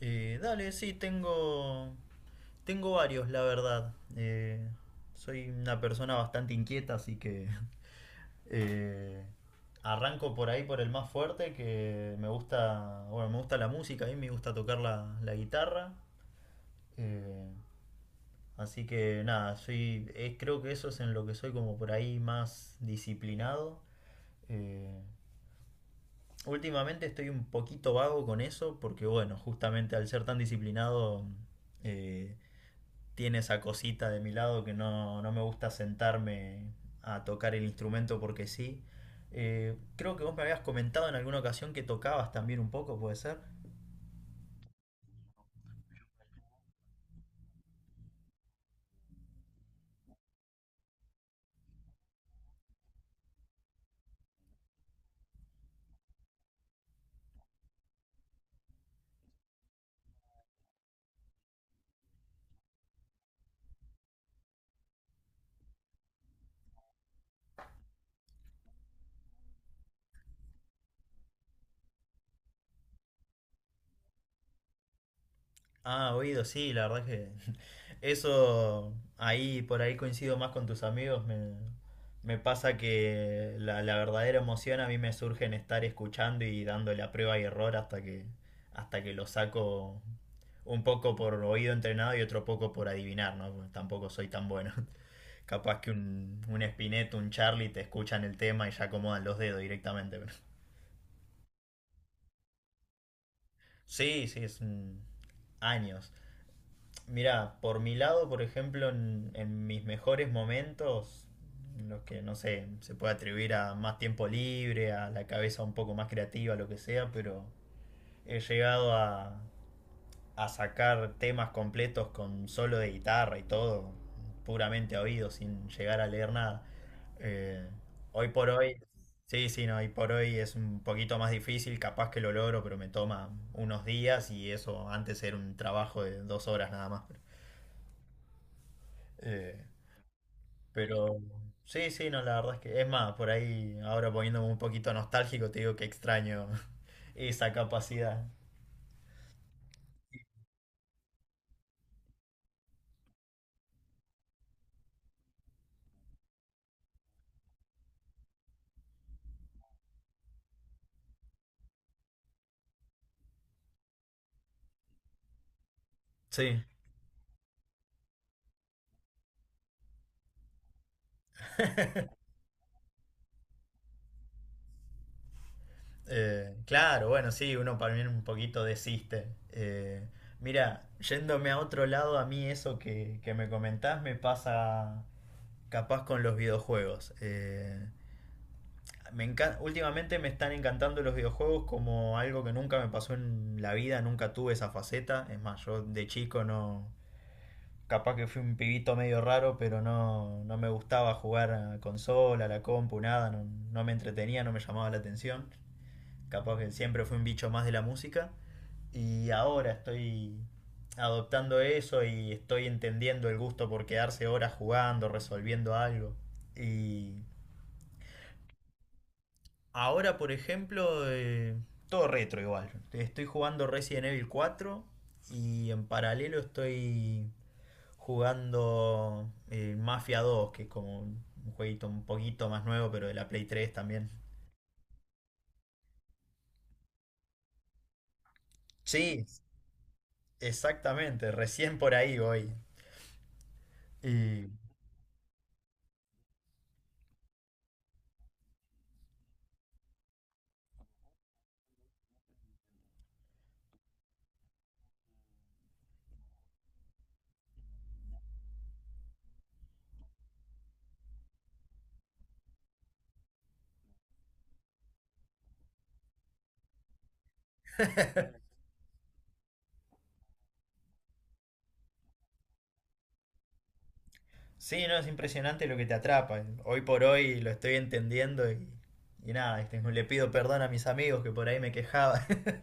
Dale, sí, tengo varios, la verdad. Soy una persona bastante inquieta, así que eh, arranco por ahí por el más fuerte, que me gusta, bueno, me gusta la música, a mí me gusta tocar la guitarra. Eh, Así que nada, soy, creo que eso es en lo que soy como por ahí más disciplinado. Eh, Últimamente estoy un poquito vago con eso, porque bueno, justamente al ser tan disciplinado... eh, tiene esa cosita de mi lado que no, no me gusta sentarme a tocar el instrumento porque sí. Creo que vos me habías comentado en alguna ocasión que tocabas también un poco, ¿puede ser? Ah, oído, sí, la verdad que eso ahí por ahí coincido más con tus amigos. Me pasa que la verdadera emoción a mí me surge en estar escuchando y dándole a prueba y error hasta que lo saco un poco por oído entrenado y otro poco por adivinar, ¿no? Tampoco soy tan bueno. Capaz que un Spinetta, un Charlie te escuchan el tema y ya acomodan los dedos directamente. Pero... Sí, sí, años. Mira, por mi lado, por ejemplo, en mis mejores momentos, los que no sé, se puede atribuir a más tiempo libre, a la cabeza un poco más creativa, lo que sea, pero he llegado a sacar temas completos con solo de guitarra y todo, puramente a oído, sin llegar a leer nada. Eh, Hoy por hoy, sí, sí, no, hoy por hoy es un poquito más difícil, capaz que lo logro, pero me toma unos días y eso antes era un trabajo de 2 horas nada más. Eh, pero sí, sí, no, la verdad es que es más, por ahí ahora poniéndome un poquito nostálgico, te digo que extraño esa capacidad. Sí. Claro, bueno, sí, uno para mí un poquito desiste. Mira, yéndome a otro lado, a mí eso que me comentás me pasa capaz con los videojuegos. Últimamente me están encantando los videojuegos como algo que nunca me pasó en la vida, nunca tuve esa faceta. Es más, yo de chico no... Capaz que fui un pibito medio raro, pero no, no me gustaba jugar a consola, a la compu, nada, no, no me entretenía, no me llamaba la atención. Capaz que siempre fui un bicho más de la música. Y ahora estoy adoptando eso y estoy entendiendo el gusto por quedarse horas jugando, resolviendo algo. Y ahora, por ejemplo, todo retro igual. Estoy jugando Resident Evil 4 y en paralelo estoy jugando Mafia 2, que es como un jueguito un poquito más nuevo, pero de la Play 3 también. Sí, exactamente, recién por ahí voy. Y sí, no, es impresionante lo que te atrapa. Hoy por hoy lo estoy entendiendo y nada, este, le pido perdón a mis amigos que por ahí me quejaba.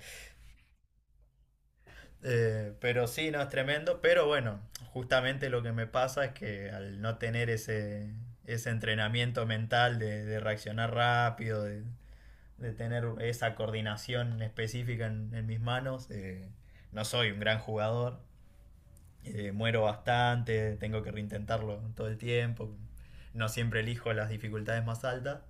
Pero sí, no, es tremendo. Pero bueno, justamente lo que me pasa es que al no tener ese entrenamiento mental de reaccionar rápido, de tener esa coordinación específica en mis manos, no soy un gran jugador. Muero bastante, tengo que reintentarlo todo el tiempo, no siempre elijo las dificultades más altas.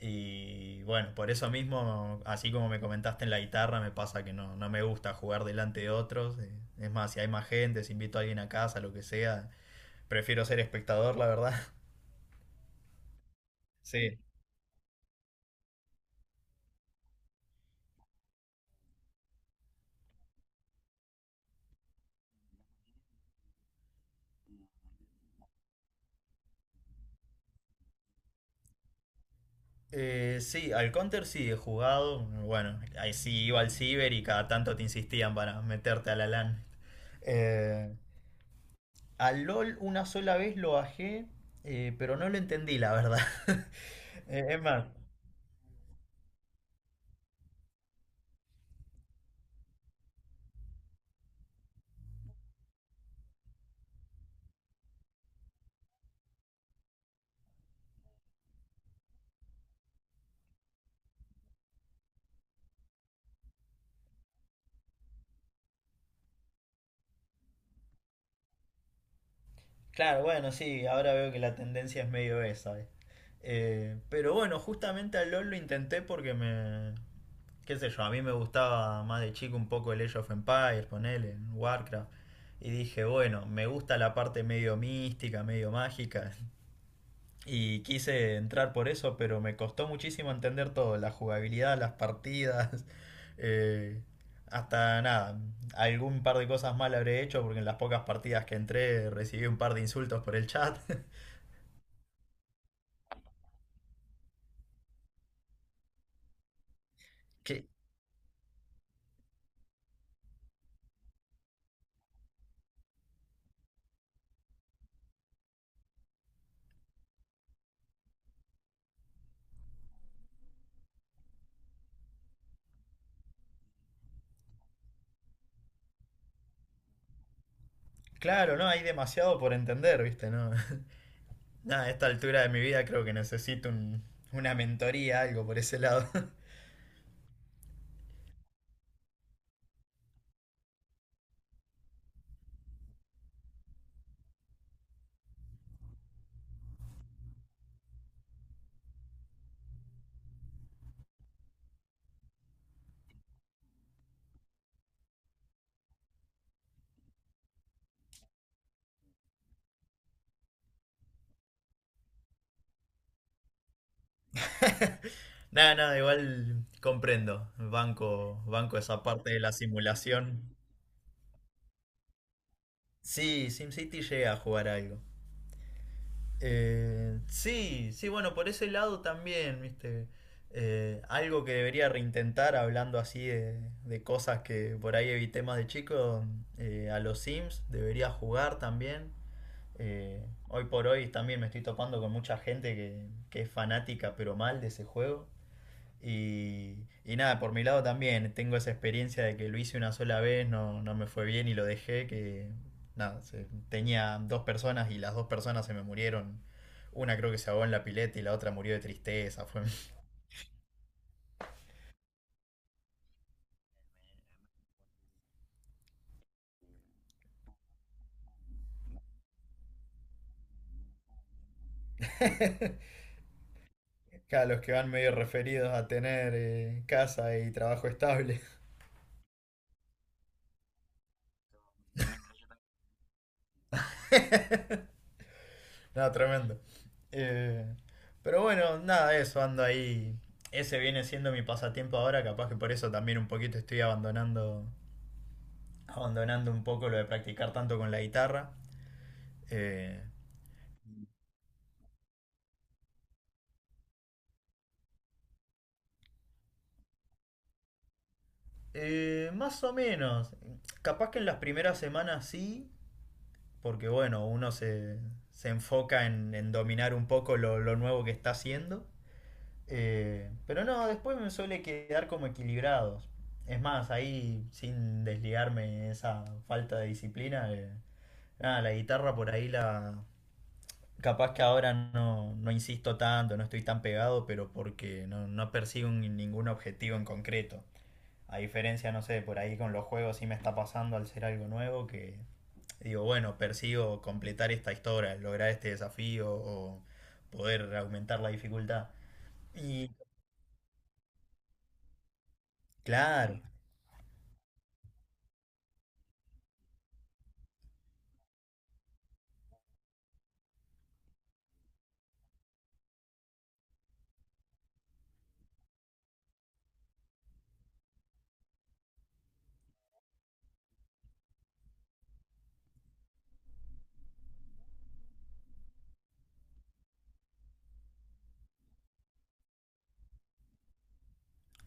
Y bueno, por eso mismo, así como me comentaste en la guitarra, me pasa que no, no me gusta jugar delante de otros. Es más, si hay más gente, si invito a alguien a casa, lo que sea, prefiero ser espectador, la verdad. Sí. Sí, al Counter sí he jugado. Bueno, ahí sí iba al ciber y cada tanto te insistían para meterte a la LAN. Eh, Al LOL una sola vez lo bajé, pero no lo entendí, la verdad. Eh, es más, claro, bueno, sí, ahora veo que la tendencia es medio esa. Pero bueno, justamente al LOL lo intenté porque me... Qué sé yo, a mí me gustaba más de chico un poco el Age of Empires, ponele, en Warcraft. Y dije, bueno, me gusta la parte medio mística, medio mágica. Y quise entrar por eso, pero me costó muchísimo entender todo, la jugabilidad, las partidas, eh, hasta nada, algún par de cosas mal habré hecho porque en las pocas partidas que entré recibí un par de insultos por el chat. Que, claro, no, hay demasiado por entender, ¿viste? No, nada, a esta altura de mi vida creo que necesito una mentoría, algo por ese lado. Nada, nada, igual comprendo, banco, banco esa parte de la simulación. Sí, SimCity llega a jugar algo. Sí, sí, bueno, por ese lado también, viste. Algo que debería reintentar hablando así de cosas que por ahí evité más de chico, a los Sims debería jugar también. Eh, Hoy por hoy también me estoy topando con mucha gente que es fanática pero mal de ese juego. Y nada, por mi lado también tengo esa experiencia de que lo hice una sola vez, no, no me fue bien y lo dejé, que nada, tenía dos personas y las dos personas se me murieron. Una creo que se ahogó en la pileta y la otra murió de tristeza. Fue... Claro, los que van medio referidos a tener casa y trabajo estable. No, tremendo. Eh, pero bueno, nada, eso, ando ahí. Ese viene siendo mi pasatiempo ahora, capaz que por eso también un poquito estoy abandonando. Abandonando un poco lo de practicar tanto con la guitarra. Eh, Más o menos, capaz que en las primeras semanas sí, porque bueno, se enfoca en dominar un poco lo nuevo que está haciendo. Pero no, después me suele quedar como equilibrados. Es más, ahí sin desligarme esa falta de disciplina, nada, la guitarra por ahí la, capaz que ahora no, no insisto tanto, no estoy tan pegado, pero porque no, no persigo ningún objetivo en concreto. A diferencia, no sé, por ahí con los juegos sí me está pasando al ser algo nuevo que digo, bueno, persigo completar esta historia, lograr este desafío o poder aumentar la dificultad. Y claro,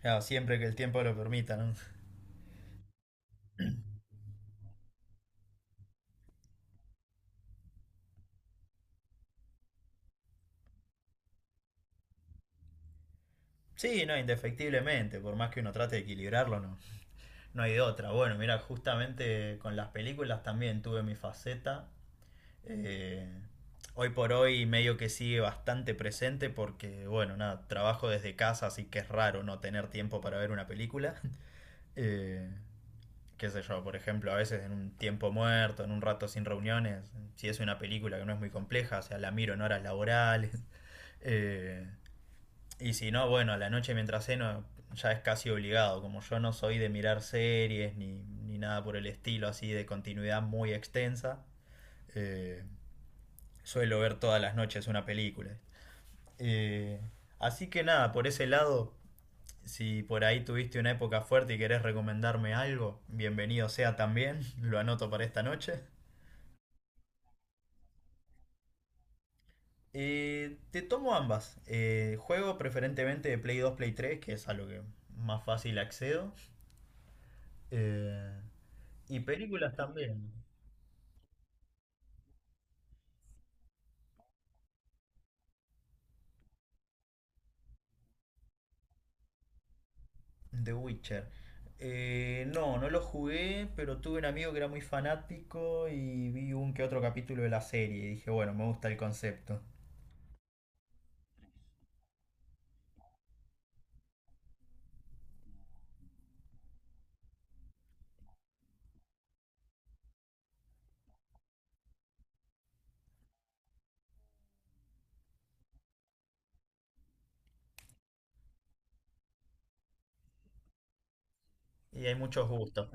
claro, siempre que el tiempo lo permita, ¿no? Sí, no, indefectiblemente, por más que uno trate de equilibrarlo, no, no hay de otra. Bueno, mira, justamente con las películas también tuve mi faceta. Eh, Hoy por hoy medio que sigue bastante presente porque, bueno, nada, trabajo desde casa, así que es raro no tener tiempo para ver una película. Eh, Qué sé yo, por ejemplo, a veces en un tiempo muerto, en un rato sin reuniones, si es una película que no es muy compleja, o sea, la miro en horas laborales. Eh, y si no, bueno, a la noche mientras ceno ya es casi obligado, como yo no soy de mirar series ni nada por el estilo así de continuidad muy extensa. eh, Suelo ver todas las noches una película. Eh, Así que nada, por ese lado, si por ahí tuviste una época fuerte y querés recomendarme algo, bienvenido sea también, lo anoto para esta noche. Te tomo ambas. Juego preferentemente de Play 2, Play 3, que es a lo que más fácil accedo. Eh, y películas también. The Witcher. No, no lo jugué, pero tuve un amigo que era muy fanático y vi un que otro capítulo de la serie y dije, bueno, me gusta el concepto. Y hay muchos gustos.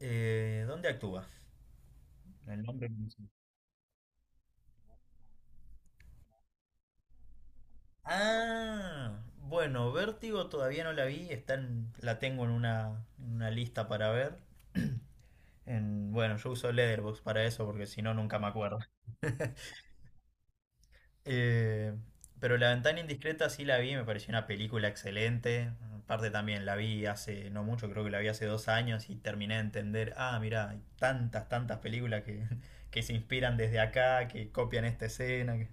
¿Dónde actúa? El nombre, no sé. Ah, bueno, Vértigo todavía no la vi, la tengo en una lista para ver. Bueno, yo uso Letterboxd para eso porque si no nunca me acuerdo. Eh, pero La Ventana Indiscreta sí la vi, me pareció una película excelente. Aparte también la vi hace no mucho, creo que la vi hace 2 años y terminé de entender, ah, mira, hay tantas, tantas películas que se inspiran desde acá, que copian esta escena. Que...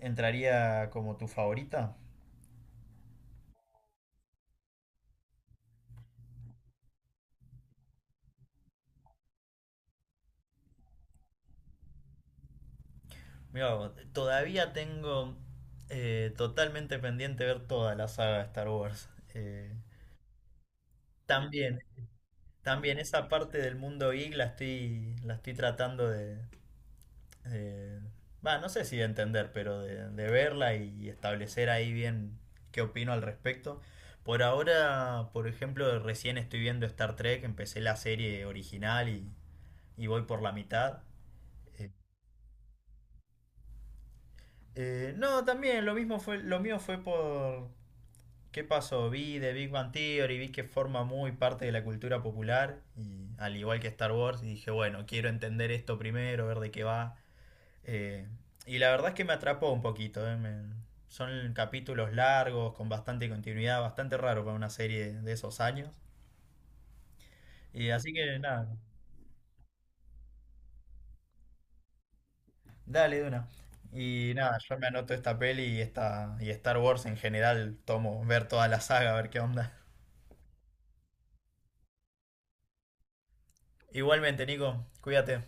¿Entraría como tu favorita? Mira, todavía tengo totalmente pendiente ver toda la saga de Star Wars. Eh, también, También esa parte del mundo geek la estoy tratando de, eh, va, no sé si de entender, pero de verla y establecer ahí bien qué opino al respecto. Por ahora, por ejemplo, recién estoy viendo Star Trek, empecé la serie original y voy por la mitad. Eh, no, también lo mismo fue, lo mío fue por qué pasó, vi de Big Bang Theory, vi que forma muy parte de la cultura popular, y al igual que Star Wars, y dije, bueno, quiero entender esto primero, ver de qué va. Eh, y la verdad es que me atrapó un poquito. Son capítulos largos, con bastante continuidad, bastante raro para una serie de esos años. Y así que nada, dale de una. Y nada, yo me anoto esta peli y, esta, y Star Wars en general, tomo ver toda la saga, a ver qué onda. Igualmente, Nico, cuídate.